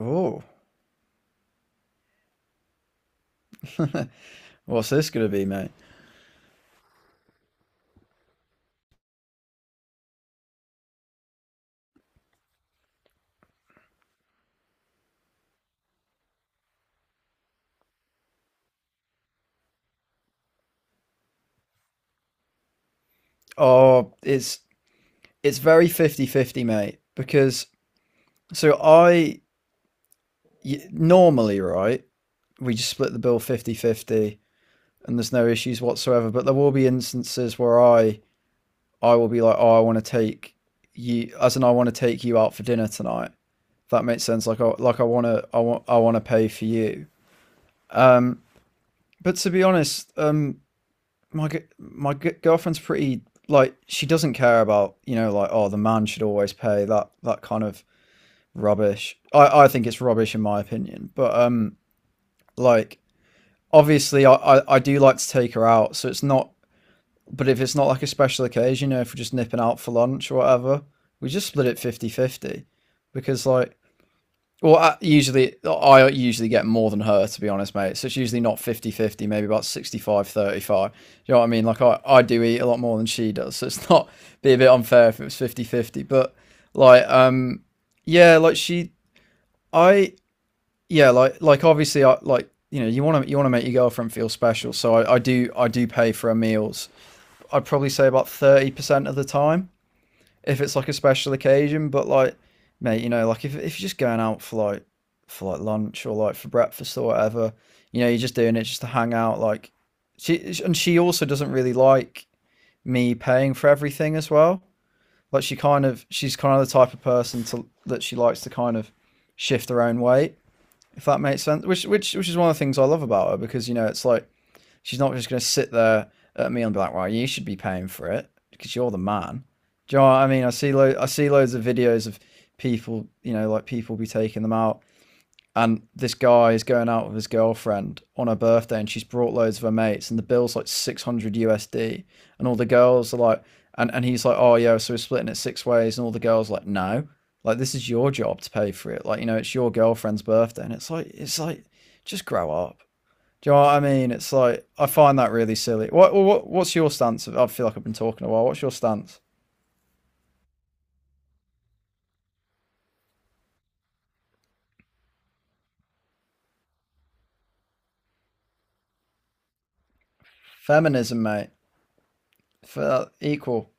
Oh, what's this going to be, mate? Oh, it's very 50 50, mate, because so I normally, right, we just split the bill 50 50, and there's no issues whatsoever, but there will be instances where I will be like, "Oh, I want to take you as in I want to take you out for dinner tonight." If that makes sense. Like I want to pay for you. Um but to be honest, my my girlfriend's pretty, like, she doesn't care about like, oh, the man should always pay, that kind of rubbish. I think it's rubbish in my opinion, but like, obviously I do like to take her out, so it's not. But if it's not like a special occasion, you know, if we're just nipping out for lunch or whatever, we just split it 50 50 because, like, well, I usually get more than her, to be honest, mate. So it's usually not 50-50. Maybe about 65, 35. Do you know what I mean? Like, I do eat a lot more than she does, so it's not be a bit unfair if it was 50-50. But like, yeah, like, she I yeah, like obviously, I like, you know, you want to make your girlfriend feel special, so I do pay for her meals. I'd probably say about 30% of the time, if it's like a special occasion. But, like, mate, you know, like, if you're just going out for for like lunch or like for breakfast or whatever, you know, you're just doing it just to hang out. Like, she also doesn't really like me paying for everything as well. Like, she's kind of the type of person to, that she likes to kind of shift her own weight, if that makes sense. Which is one of the things I love about her, because, you know, it's like she's not just going to sit there at me and be like, "Well, you should be paying for it because you're the man." Do you know what I mean? I see loads of videos of people, you know, like, people be taking them out, and this guy is going out with his girlfriend on her birthday, and she's brought loads of her mates, and the bill's like 600 USD, and all the girls are like, and he's like, "Oh, yeah, so we're splitting it six ways," and all the girls are like, "No." Like, this is your job to pay for it. Like, you know, it's your girlfriend's birthday, and it's like just grow up. Do you know what I mean? It's like, I find that really silly. What's your stance? I feel like I've been talking a while. What's your stance? Feminism, mate. For equal.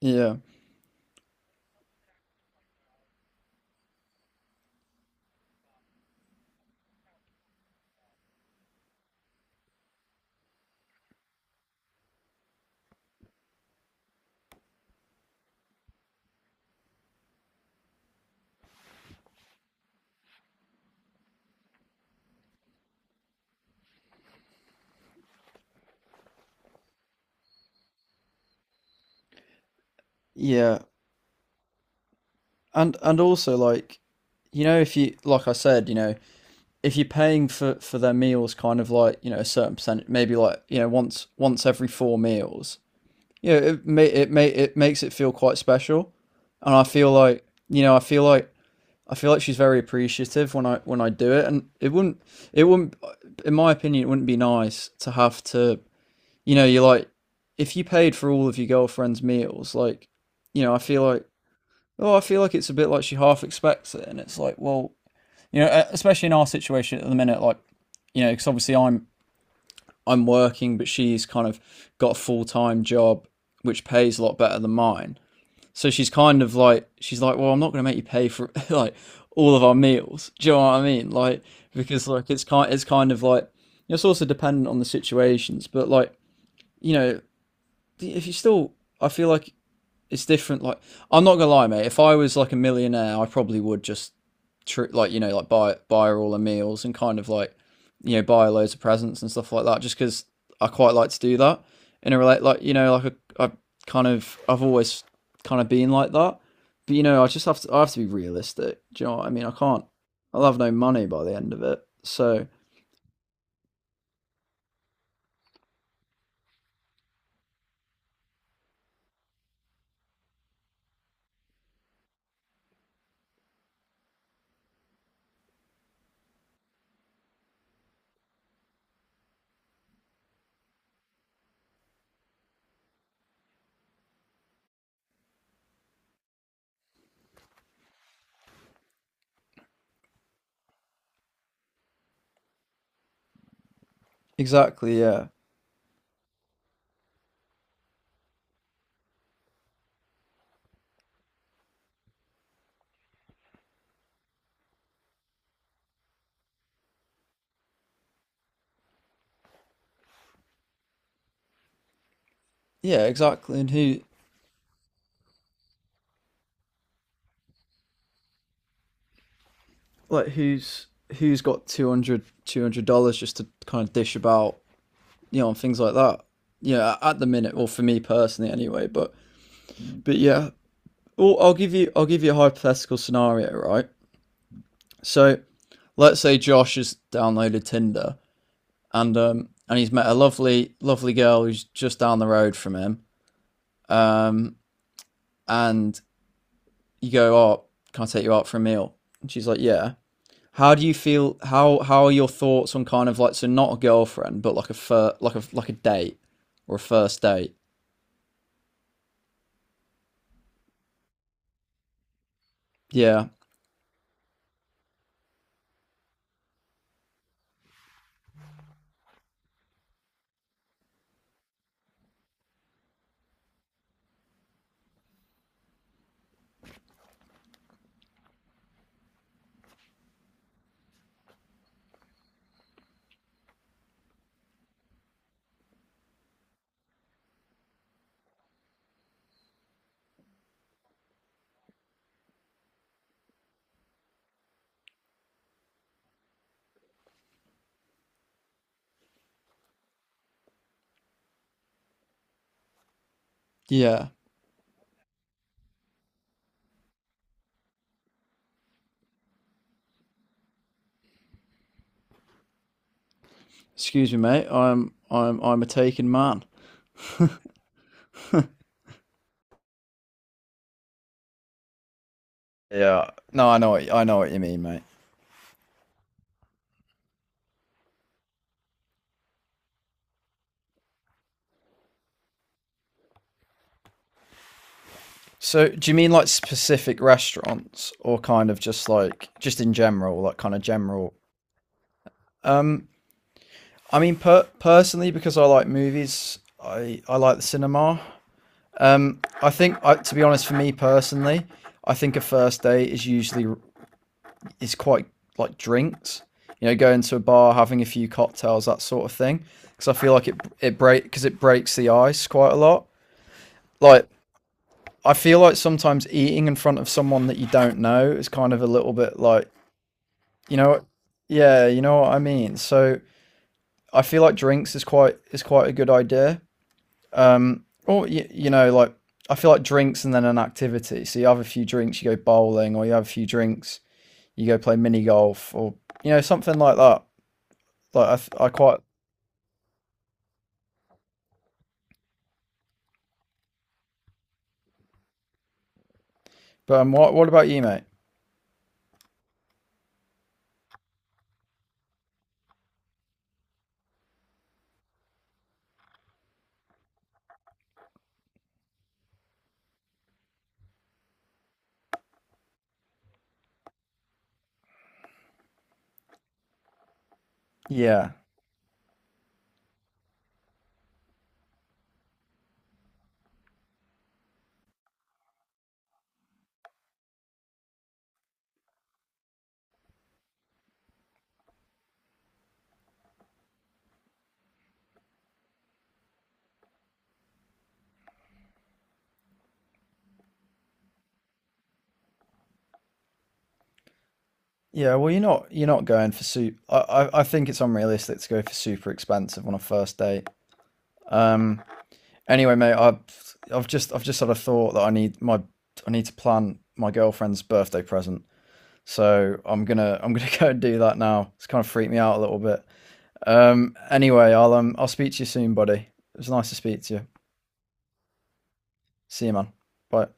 Yeah. Yeah. And also, like, you know, if you, like I said, you know, if you're paying for their meals kind of, like, you know, a certain percentage, maybe, like, you know, once every four meals. You know, it makes it feel quite special. And I feel like, you know, I feel like she's very appreciative when I do it, and it wouldn't in my opinion, it wouldn't be nice to have to, you know, you're like, if you paid for all of your girlfriend's meals, like, you know, I feel like it's a bit like she half expects it, and it's like, well, you know, especially in our situation at the minute, like, you know, because obviously, I'm working, but she's kind of got a full time job which pays a lot better than mine, so she's like, "Well, I'm not going to make you pay for like all of our meals." Do you know what I mean? Like, because, like, it's kind of like, it's also dependent on the situations. But, like, you know, if you still, I feel like it's different. Like, I'm not gonna lie, mate. If I was like a millionaire, I probably would just like, you know, like, buy her all her meals, and kind of like, you know, buy her loads of presents and stuff like that. Just because I quite like to do that in a relate, like, you know, like, I, I I've always kind of been like that. But, you know, I have to be realistic. Do you know what I mean? I can't. I'll have no money by the end of it. So exactly, yeah, yeah, exactly. And like who's who's got $200 just to kind of dish about, you know, and things like that. Yeah, at the minute, or for me personally, anyway. But yeah, well, I'll give you a hypothetical scenario, right? So let's say Josh has downloaded Tinder and he's met a lovely lovely girl who's just down the road from him. Um, and you go, "Oh, can I take you out for a meal?" And she's like, "Yeah." How do you feel? How are your thoughts on kind of, like, so not a girlfriend, but like like a date or a first date? Yeah, yeah. Excuse me, mate. I'm a taken man. Yeah. No, I know what you mean, mate. So, do you mean like specific restaurants or kind of just like just in general, like kind of general? Um, I mean, personally, because I like movies, I like the cinema. I think to be honest, for me personally, I think a first date is usually, is quite like, drinks. You know, going to a bar, having a few cocktails, that sort of thing. Because I feel like it breaks the ice quite a lot. Like, I feel like sometimes eating in front of someone that you don't know is kind of a little bit like, you know, yeah, you know what I mean. So I feel like drinks is quite a good idea. Or you, you know, like, I feel like drinks and then an activity. So you have a few drinks, you go bowling, or you have a few drinks, you go play mini golf, or, you know, something like that. Like, I quite. But what about you, mate? Yeah, yeah. Well, you're not going for super. I think it's unrealistic to go for super expensive on a first date. Um. Anyway, mate, I've just had a thought that I need to plan my girlfriend's birthday present. So I'm gonna I'm gonna go and do that now. It's kind of freaked me out a little bit. Anyway, I'll speak to you soon, buddy. It was nice to speak to you. See you, man. Bye.